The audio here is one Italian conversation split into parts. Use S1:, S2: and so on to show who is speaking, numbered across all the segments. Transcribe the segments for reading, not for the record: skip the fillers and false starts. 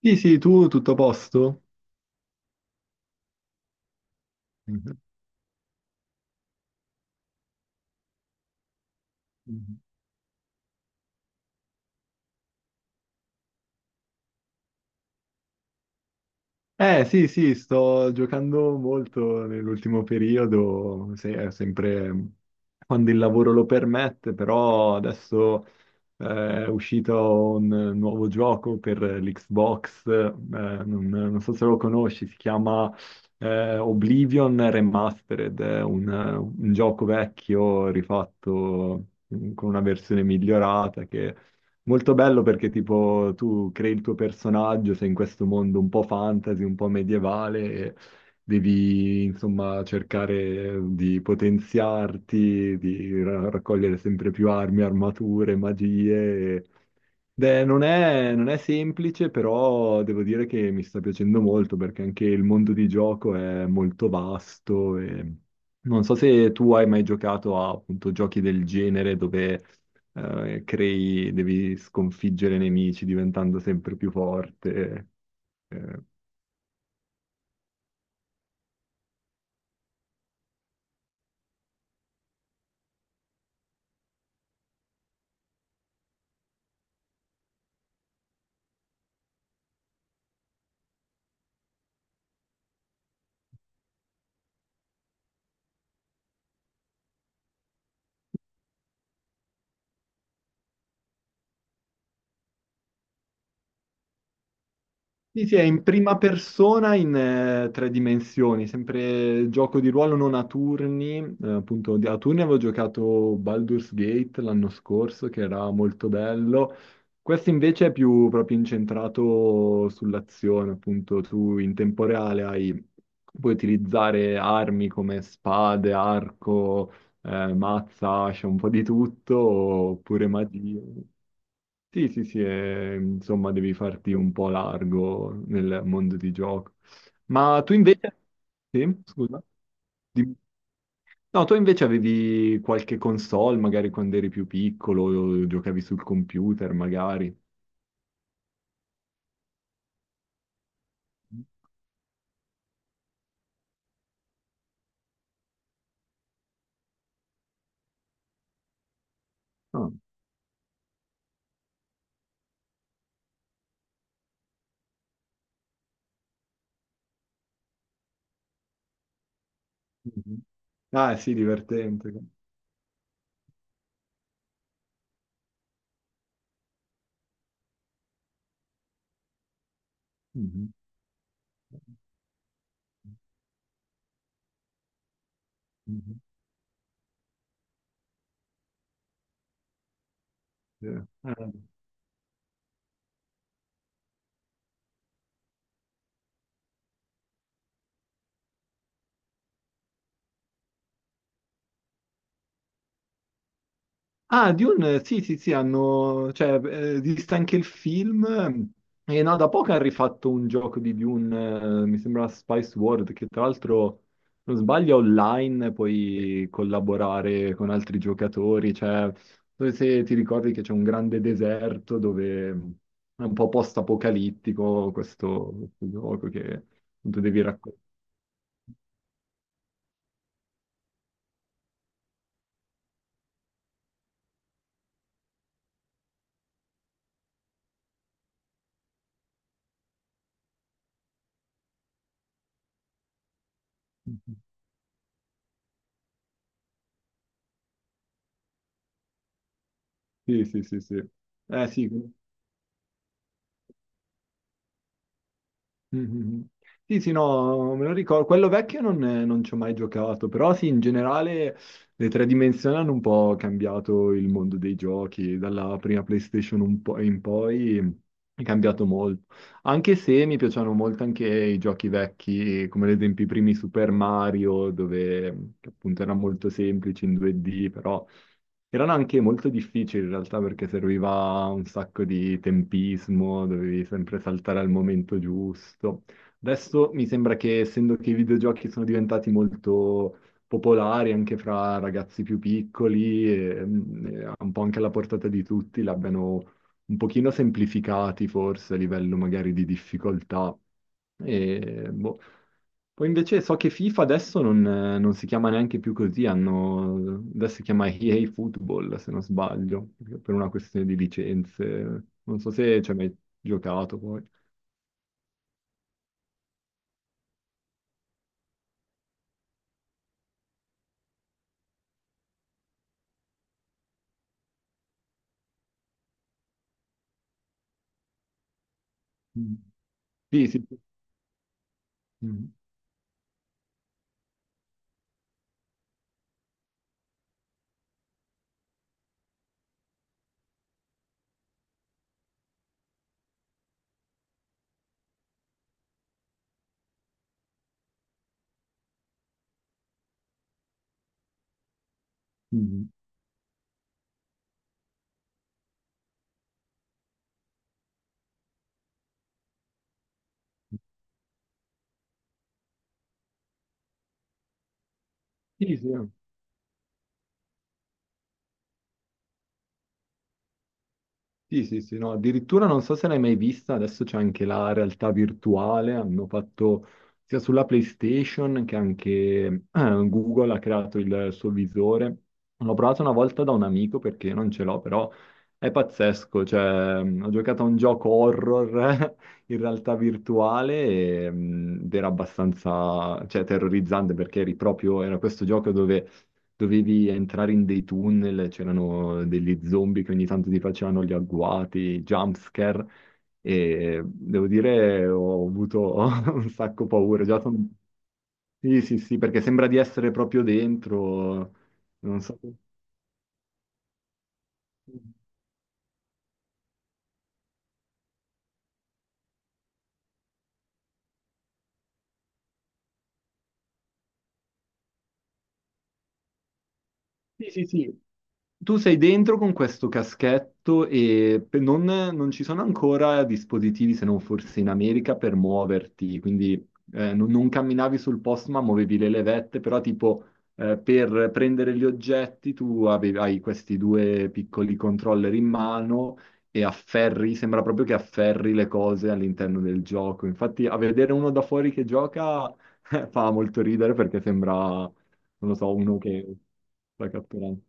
S1: Sì, sì, tu tutto a posto? Mhm, mhm. Sì, sì, sto giocando molto nell'ultimo periodo, sempre quando il lavoro lo permette, però adesso è uscito un nuovo gioco per l'Xbox. Non so se lo conosci, si chiama Oblivion Remastered, è un gioco vecchio rifatto, con una versione migliorata che molto bello, perché tipo tu crei il tuo personaggio, sei in questo mondo un po' fantasy, un po' medievale, e devi insomma cercare di potenziarti, di raccogliere sempre più armi, armature, magie. Beh, non è semplice, però devo dire che mi sta piacendo molto, perché anche il mondo di gioco è molto vasto, e non so se tu hai mai giocato a appunto giochi del genere dove devi sconfiggere nemici diventando sempre più forte. eh, Sì, sì, è in prima persona in tre dimensioni, sempre gioco di ruolo non a turni. Appunto a turni avevo giocato Baldur's Gate l'anno scorso, che era molto bello. Questo invece è più proprio incentrato sull'azione, appunto tu in tempo reale puoi utilizzare armi come spade, arco, mazza, ascia, un po' di tutto, oppure magie. Sì, sì, sì, insomma devi farti un po' largo nel mondo di gioco. Ma tu invece... Sì, scusa. Di- No, tu invece avevi qualche console, magari quando eri più piccolo, o giocavi sul computer, magari. Ah, mhm. Ah, sì, divertente. Mhm, mhm. Sì. Eh. Ah, Dune, sì, sì, sì, hanno, cioè, esiste anche il film. E no, da poco hanno rifatto un gioco di Dune, mi sembra Spice World, che tra l'altro, se non sbaglio, è online, puoi collaborare con altri giocatori. Cioè, dove, se ti ricordi, che c'è un grande deserto dove è un po' post-apocalittico questo gioco, che appunto devi raccontare. Sì, sì, sì, sì. Eh sì. Mhm. Sì, sì, no, me lo ricordo. Quello vecchio non ci ho mai giocato, però sì, in generale le tre dimensioni hanno un po' cambiato il mondo dei giochi. Dalla prima PlayStation un po' in poi è cambiato molto. Anche se mi piacciono molto anche i giochi vecchi, come ad esempio i primi Super Mario, dove che appunto era molto semplice in 2D, però erano anche molto difficili in realtà, perché serviva un sacco di tempismo, dovevi sempre saltare al momento giusto. Adesso mi sembra che, essendo che i videogiochi sono diventati molto popolari anche fra ragazzi più piccoli, e, e un po' anche alla portata di tutti, l'abbiano un pochino semplificati forse a livello magari di difficoltà. E, boh. Poi invece so che FIFA adesso non si chiama neanche più così, hanno, adesso si chiama EA Football, se non sbaglio, per una questione di licenze. Non so se ci hai mai giocato poi. Mm. Sì, sì. Mm. Mm. Sì, sì. Sì, sì, sì, no, addirittura non so se l'hai mai vista, adesso c'è anche la realtà virtuale, hanno fatto sia sulla PlayStation che anche Google ha creato il suo visore. L'ho provato una volta da un amico perché non ce l'ho, però è pazzesco. Cioè, ho giocato a un gioco horror in realtà virtuale, e, ed era abbastanza, cioè, terrorizzante, perché eri proprio, era questo gioco dove dovevi entrare in dei tunnel, c'erano degli zombie che ogni tanto ti facevano gli agguati, jumpscare, e devo dire ho avuto un sacco paura. Sì, sì, sì, perché sembra di essere proprio dentro, non so. Sì, sì, sì. Tu sei dentro con questo caschetto, e non ci sono ancora dispositivi, se non forse in America, per muoverti, quindi non camminavi sul posto, ma muovevi le levette. Però tipo per prendere gli oggetti tu avevi, hai questi due piccoli controller in mano, e afferri, sembra proprio che afferri le cose all'interno del gioco. Infatti a vedere uno da fuori che gioca fa molto ridere, perché sembra, non lo so, uno che sta catturando.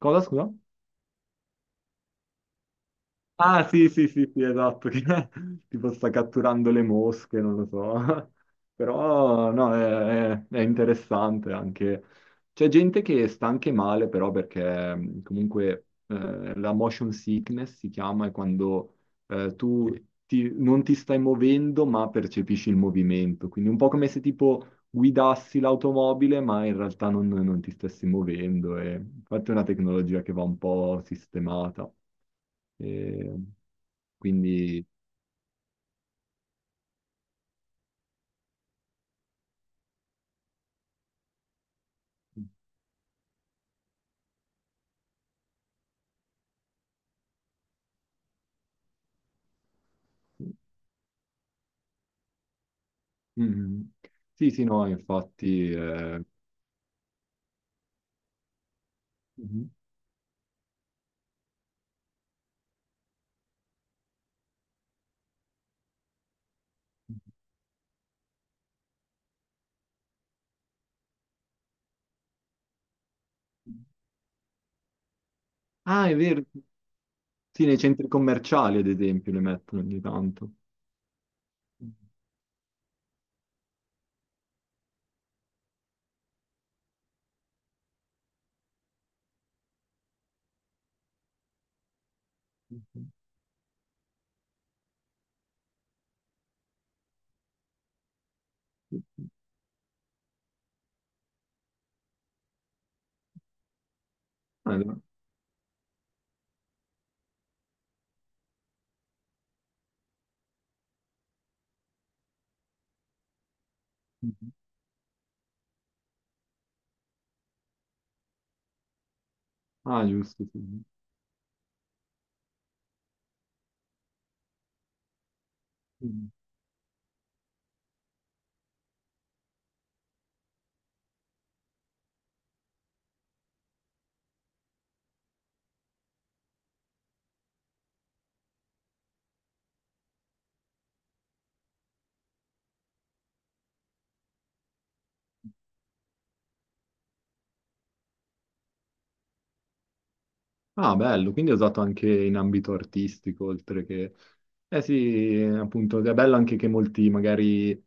S1: Cosa, scusa? Ah, sì, sì, sì, sì, esatto, che tipo sta catturando le mosche, non lo so. Però, no, è interessante anche. C'è gente che sta anche male, però, perché comunque la motion sickness si chiama, è quando tu non ti stai muovendo, ma percepisci il movimento. Quindi un po' come se tipo guidassi l'automobile, ma in realtà non ti stessi muovendo. E infatti è una tecnologia che va un po' sistemata. E quindi... Mhm. Sì, sì, no, infatti. Mhm. Ah, è vero. Sì, nei centri commerciali, ad esempio, le mettono ogni tanto. Mhm. Ah, no. Mhm. Ah, giusto, sì. Mhm. Ah, bello, quindi è usato anche in ambito artistico, oltre che... Eh sì, appunto, è bello anche che molti magari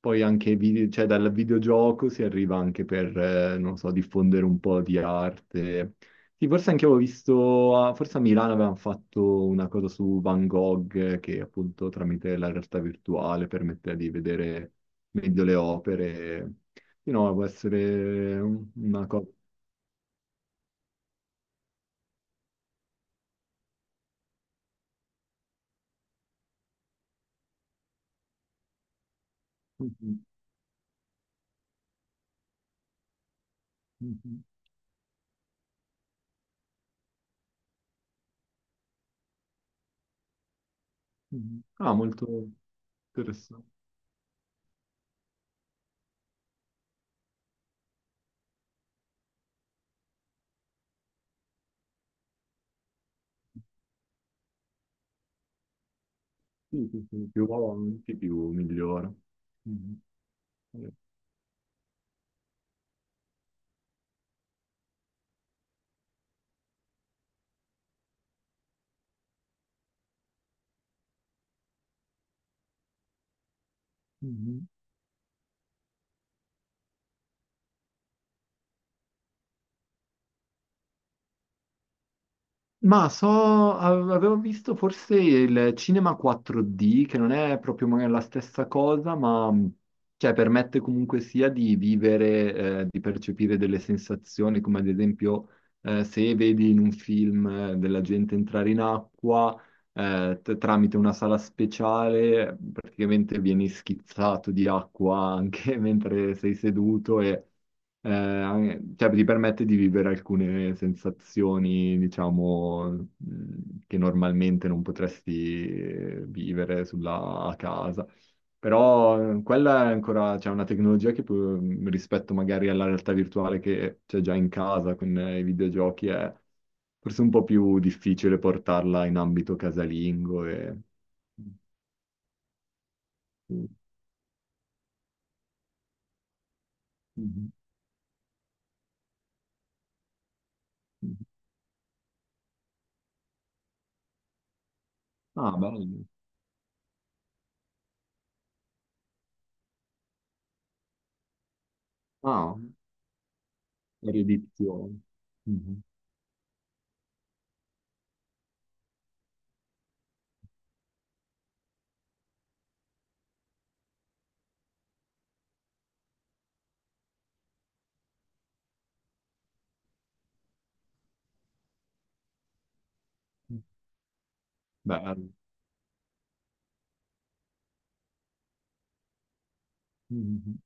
S1: poi anche cioè, dal videogioco si arriva anche per, non so, diffondere un po' di arte. Sì, forse anche avevo visto, forse a Milano avevano fatto una cosa su Van Gogh, che appunto tramite la realtà virtuale permetteva di vedere meglio le opere. Sì, no, può essere una cosa... Mhm, mhm, mhm. Ah, molto. Interessante. Sì, sì, sì, più avanti, più migliora. Mhm. Eh. Mhm. Ma so, avevo visto forse il cinema 4D, che non è proprio magari la stessa cosa, ma cioè, permette comunque sia di vivere, di percepire delle sensazioni, come ad esempio se vedi in un film della gente entrare in acqua, tramite una sala speciale, praticamente vieni schizzato di acqua anche mentre sei seduto. E cioè, ti permette di vivere alcune sensazioni, diciamo, che normalmente non potresti vivere sulla a casa. Però quella è ancora, c'è una tecnologia che rispetto magari alla realtà virtuale che c'è già in casa con i videogiochi è forse un po' più difficile portarla in ambito casalingo e... Mhm. Ah, bello. Ah, erudizione. Bello. Mhm.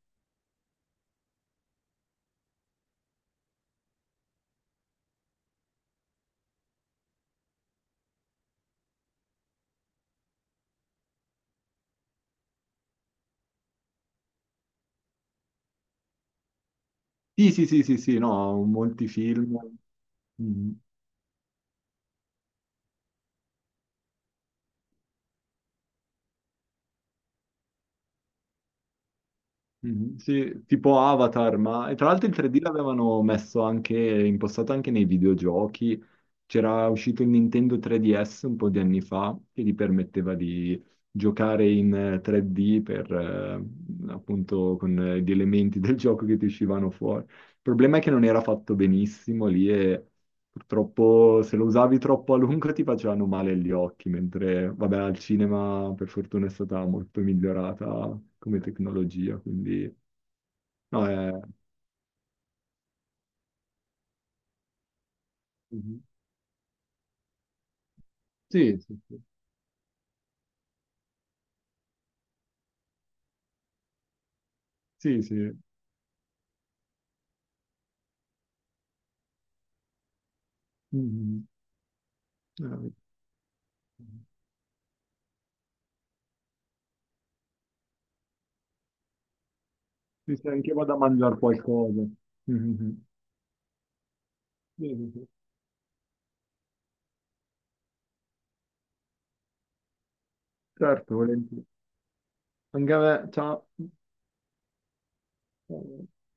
S1: Sì, sì, sì, sì, sì, no, molti film. Mhm. Mhm. Sì, tipo Avatar. Ma, e tra l'altro il 3D l'avevano messo anche, impostato anche nei videogiochi. C'era uscito il Nintendo 3DS un po' di anni fa, che gli permetteva di giocare in 3D per, appunto, con gli elementi del gioco che ti uscivano fuori. Il problema è che non era fatto benissimo lì, e purtroppo se lo usavi troppo a lungo ti facevano male gli occhi, mentre vabbè, al cinema per fortuna è stata molto migliorata come tecnologia. Quindi no, è... Mhm. Sì, sì, sì, sì, sì. Mhm. Eh, sì, sì, anche vado a mangiare qualcosa. Mhm. Sì, sì, sì. Certo, volentieri. Anche a me, ciao. Ciao.